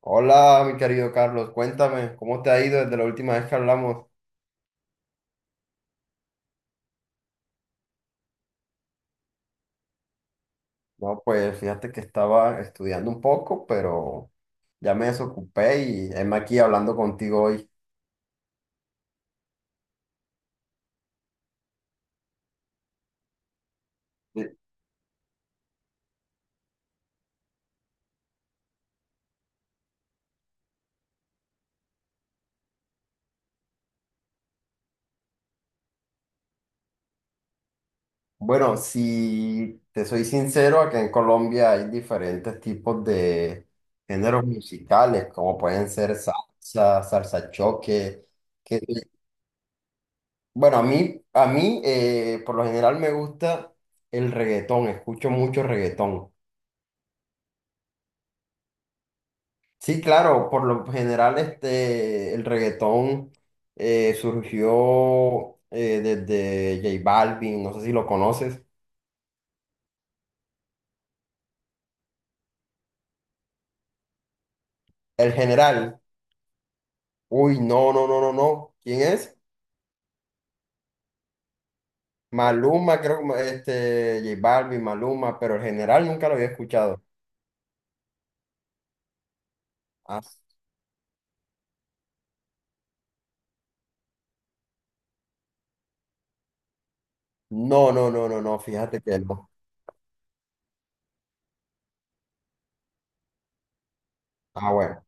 Hola, mi querido Carlos, cuéntame, ¿cómo te ha ido desde la última vez que hablamos? No, pues fíjate que estaba estudiando un poco, pero ya me desocupé y heme aquí hablando contigo hoy. Eh, Bueno, si te soy sincero, acá en Colombia hay diferentes tipos de géneros musicales, como pueden ser salsa, salsa choque, que bueno, a mí por lo general me gusta el reggaetón, escucho mucho reggaetón. Sí, claro, por lo general este, el reggaetón surgió desde J Balvin, no sé si lo conoces. El general, uy, no, no, no, no, no. ¿Quién es? Maluma, creo que este, J Balvin, Maluma, pero el general nunca lo había escuchado. Ah, no, no, no, no, no, fíjate que no. Ah, bueno,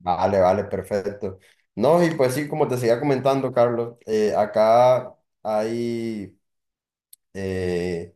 vale, vale, perfecto. No, y pues sí, como te seguía comentando, Carlos, acá hay... eh,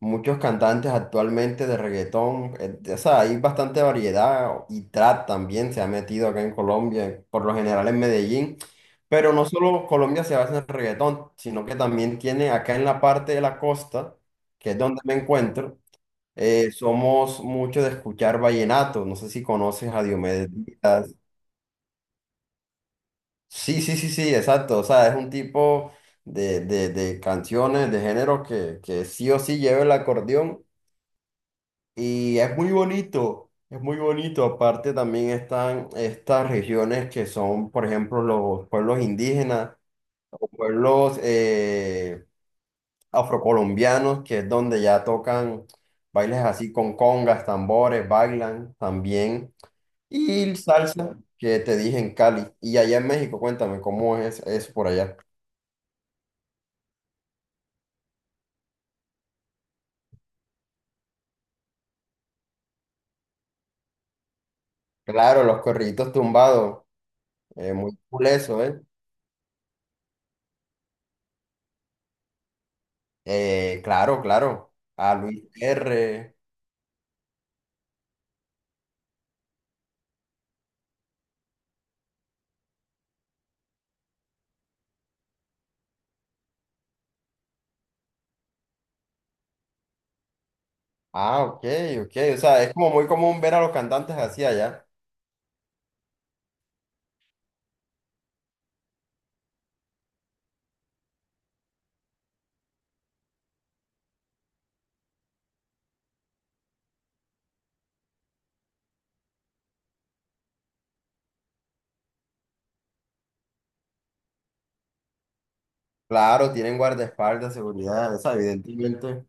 muchos cantantes actualmente de reggaetón, o sea, hay bastante variedad y trap también se ha metido acá en Colombia, por lo general en Medellín, pero no solo Colombia se basa en reggaetón, sino que también tiene acá en la parte de la costa, que es donde me encuentro, somos muchos de escuchar vallenato, no sé si conoces a Diomedes Díaz. Sí, sí, sí, sí, exacto, o sea, es un tipo... De canciones de género que sí o sí lleva el acordeón. Y es muy bonito, es muy bonito. Aparte también están estas regiones que son, por ejemplo, los pueblos indígenas o pueblos afrocolombianos, que es donde ya tocan bailes así con congas, tambores, bailan también. Y el salsa, que te dije en Cali. Y allá en México, cuéntame, ¿cómo es eso por allá? Claro, los corriditos tumbados, muy cool eso, ¿eh? Claro, claro. A Luis R. Ah, ok, ok. O sea, es como muy común ver a los cantantes así allá. Claro, tienen guardaespaldas, seguridad, o sea, evidentemente.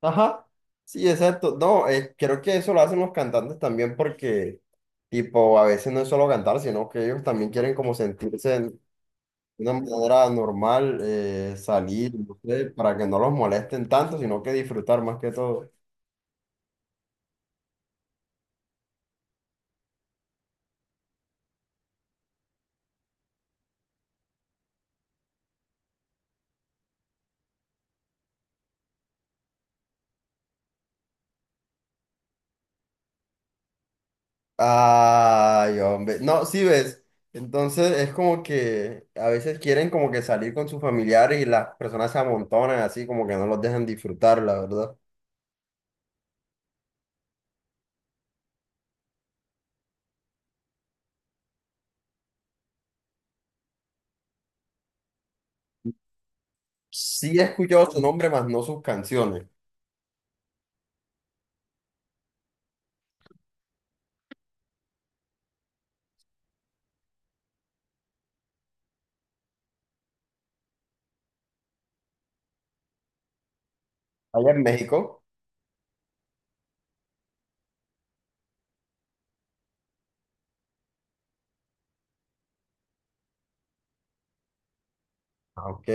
Ajá. Sí, exacto. No, creo que eso lo hacen los cantantes también porque, tipo, a veces no es solo cantar, sino que ellos también quieren como sentirse en- de una manera normal, salir, no sé, para que no los molesten tanto, sino que disfrutar más que todo. Ay, hombre. No, sí ves. Entonces es como que a veces quieren como que salir con sus familiares y las personas se amontonan así como que no los dejan disfrutar, la verdad. Sí he escuchado su nombre, más no sus canciones. Allá en México. Ah, ok.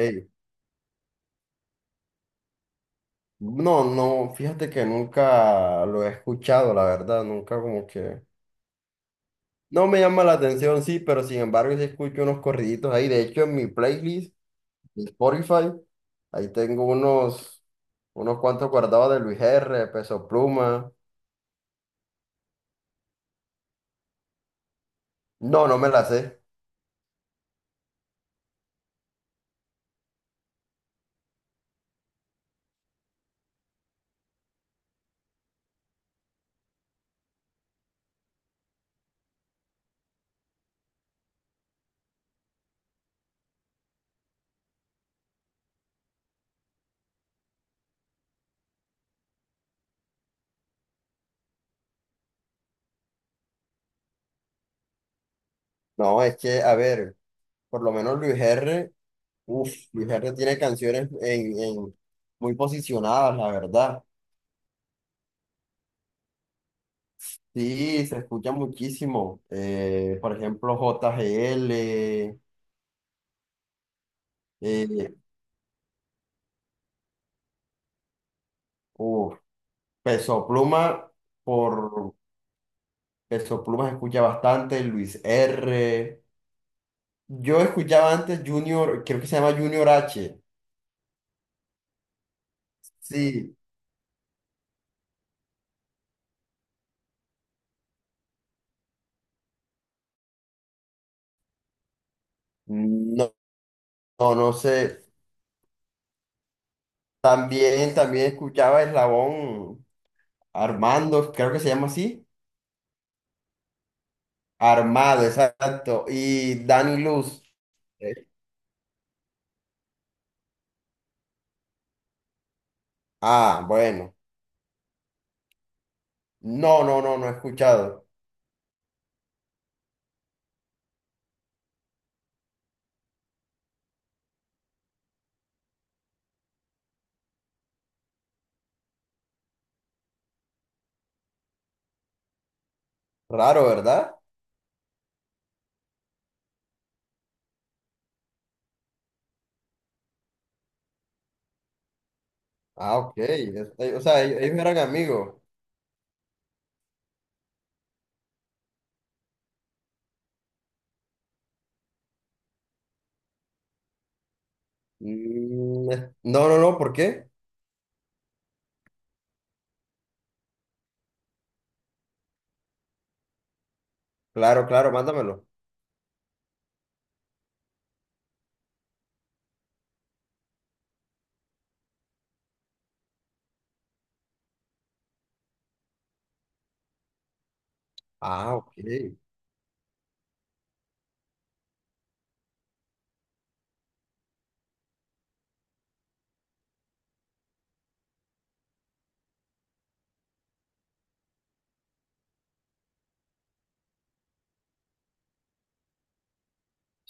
No, no, fíjate que nunca lo he escuchado, la verdad. Nunca como que... No me llama la atención, sí, pero sin embargo sí escucho unos corriditos ahí. De hecho, en mi playlist... mi Spotify. Ahí tengo unos, unos cuantos guardados de Luis R, Peso Pluma. No, no me la sé. No, es que, a ver, por lo menos Luis R, uff, Luis R tiene canciones en- muy posicionadas, la verdad. Sí, se escucha muchísimo. Por ejemplo, JGL, eh, uf, Peso Pluma, por Peso Pluma se escucha bastante, Luis R. Yo escuchaba antes Junior, creo que se llama Junior H. Sí, no, no, no sé. También, también escuchaba Eslabón Armando, creo que se llama así. Armado, exacto. Y Dani Luz. eh, Ah, bueno. No, no, no, no he escuchado. Raro, ¿verdad? Ah, ok. Es- O sea, ellos eran amigos. Mm, es- No, no, no, ¿por qué? Claro, claro, mándamelo. Ah, ok.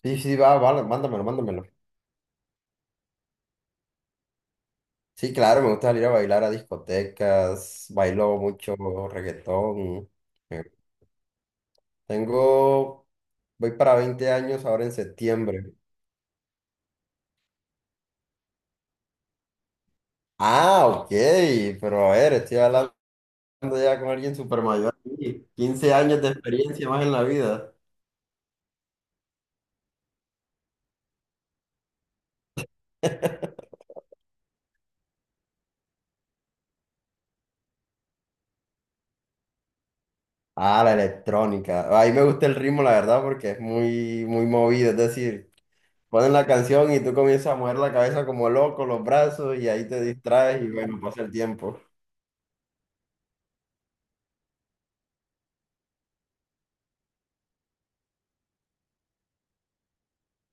Sí, sí, va, va, mándamelo, mándamelo. Sí, claro, me gusta salir a bailar a discotecas, bailo mucho reggaetón. eh, Tengo, voy para 20 años ahora en septiembre. Ah, ok, pero a ver, estoy hablando ya con alguien súper mayor. Aquí, 15 años de experiencia más en la vida. Ah, la electrónica. Ahí me gusta el ritmo, la verdad, porque es muy, muy movido. Es decir, ponen la canción y tú comienzas a mover la cabeza como loco, los brazos, y ahí te distraes y bueno, pasa el tiempo.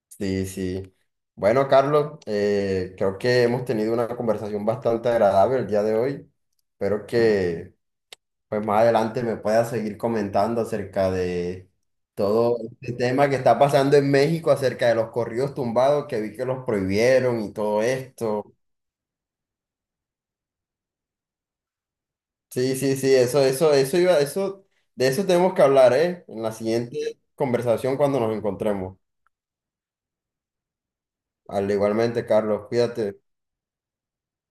Sí, sí. Bueno, Carlos, creo que hemos tenido una conversación bastante agradable el día de hoy. Espero que pues más adelante me puedas seguir comentando acerca de todo este tema que está pasando en México, acerca de los corridos tumbados que vi que los prohibieron y todo esto. Sí, sí, sí, eso iba, eso, de eso tenemos que hablar, ¿eh? En la siguiente conversación cuando nos encontremos. Al igualmente, Carlos, cuídate.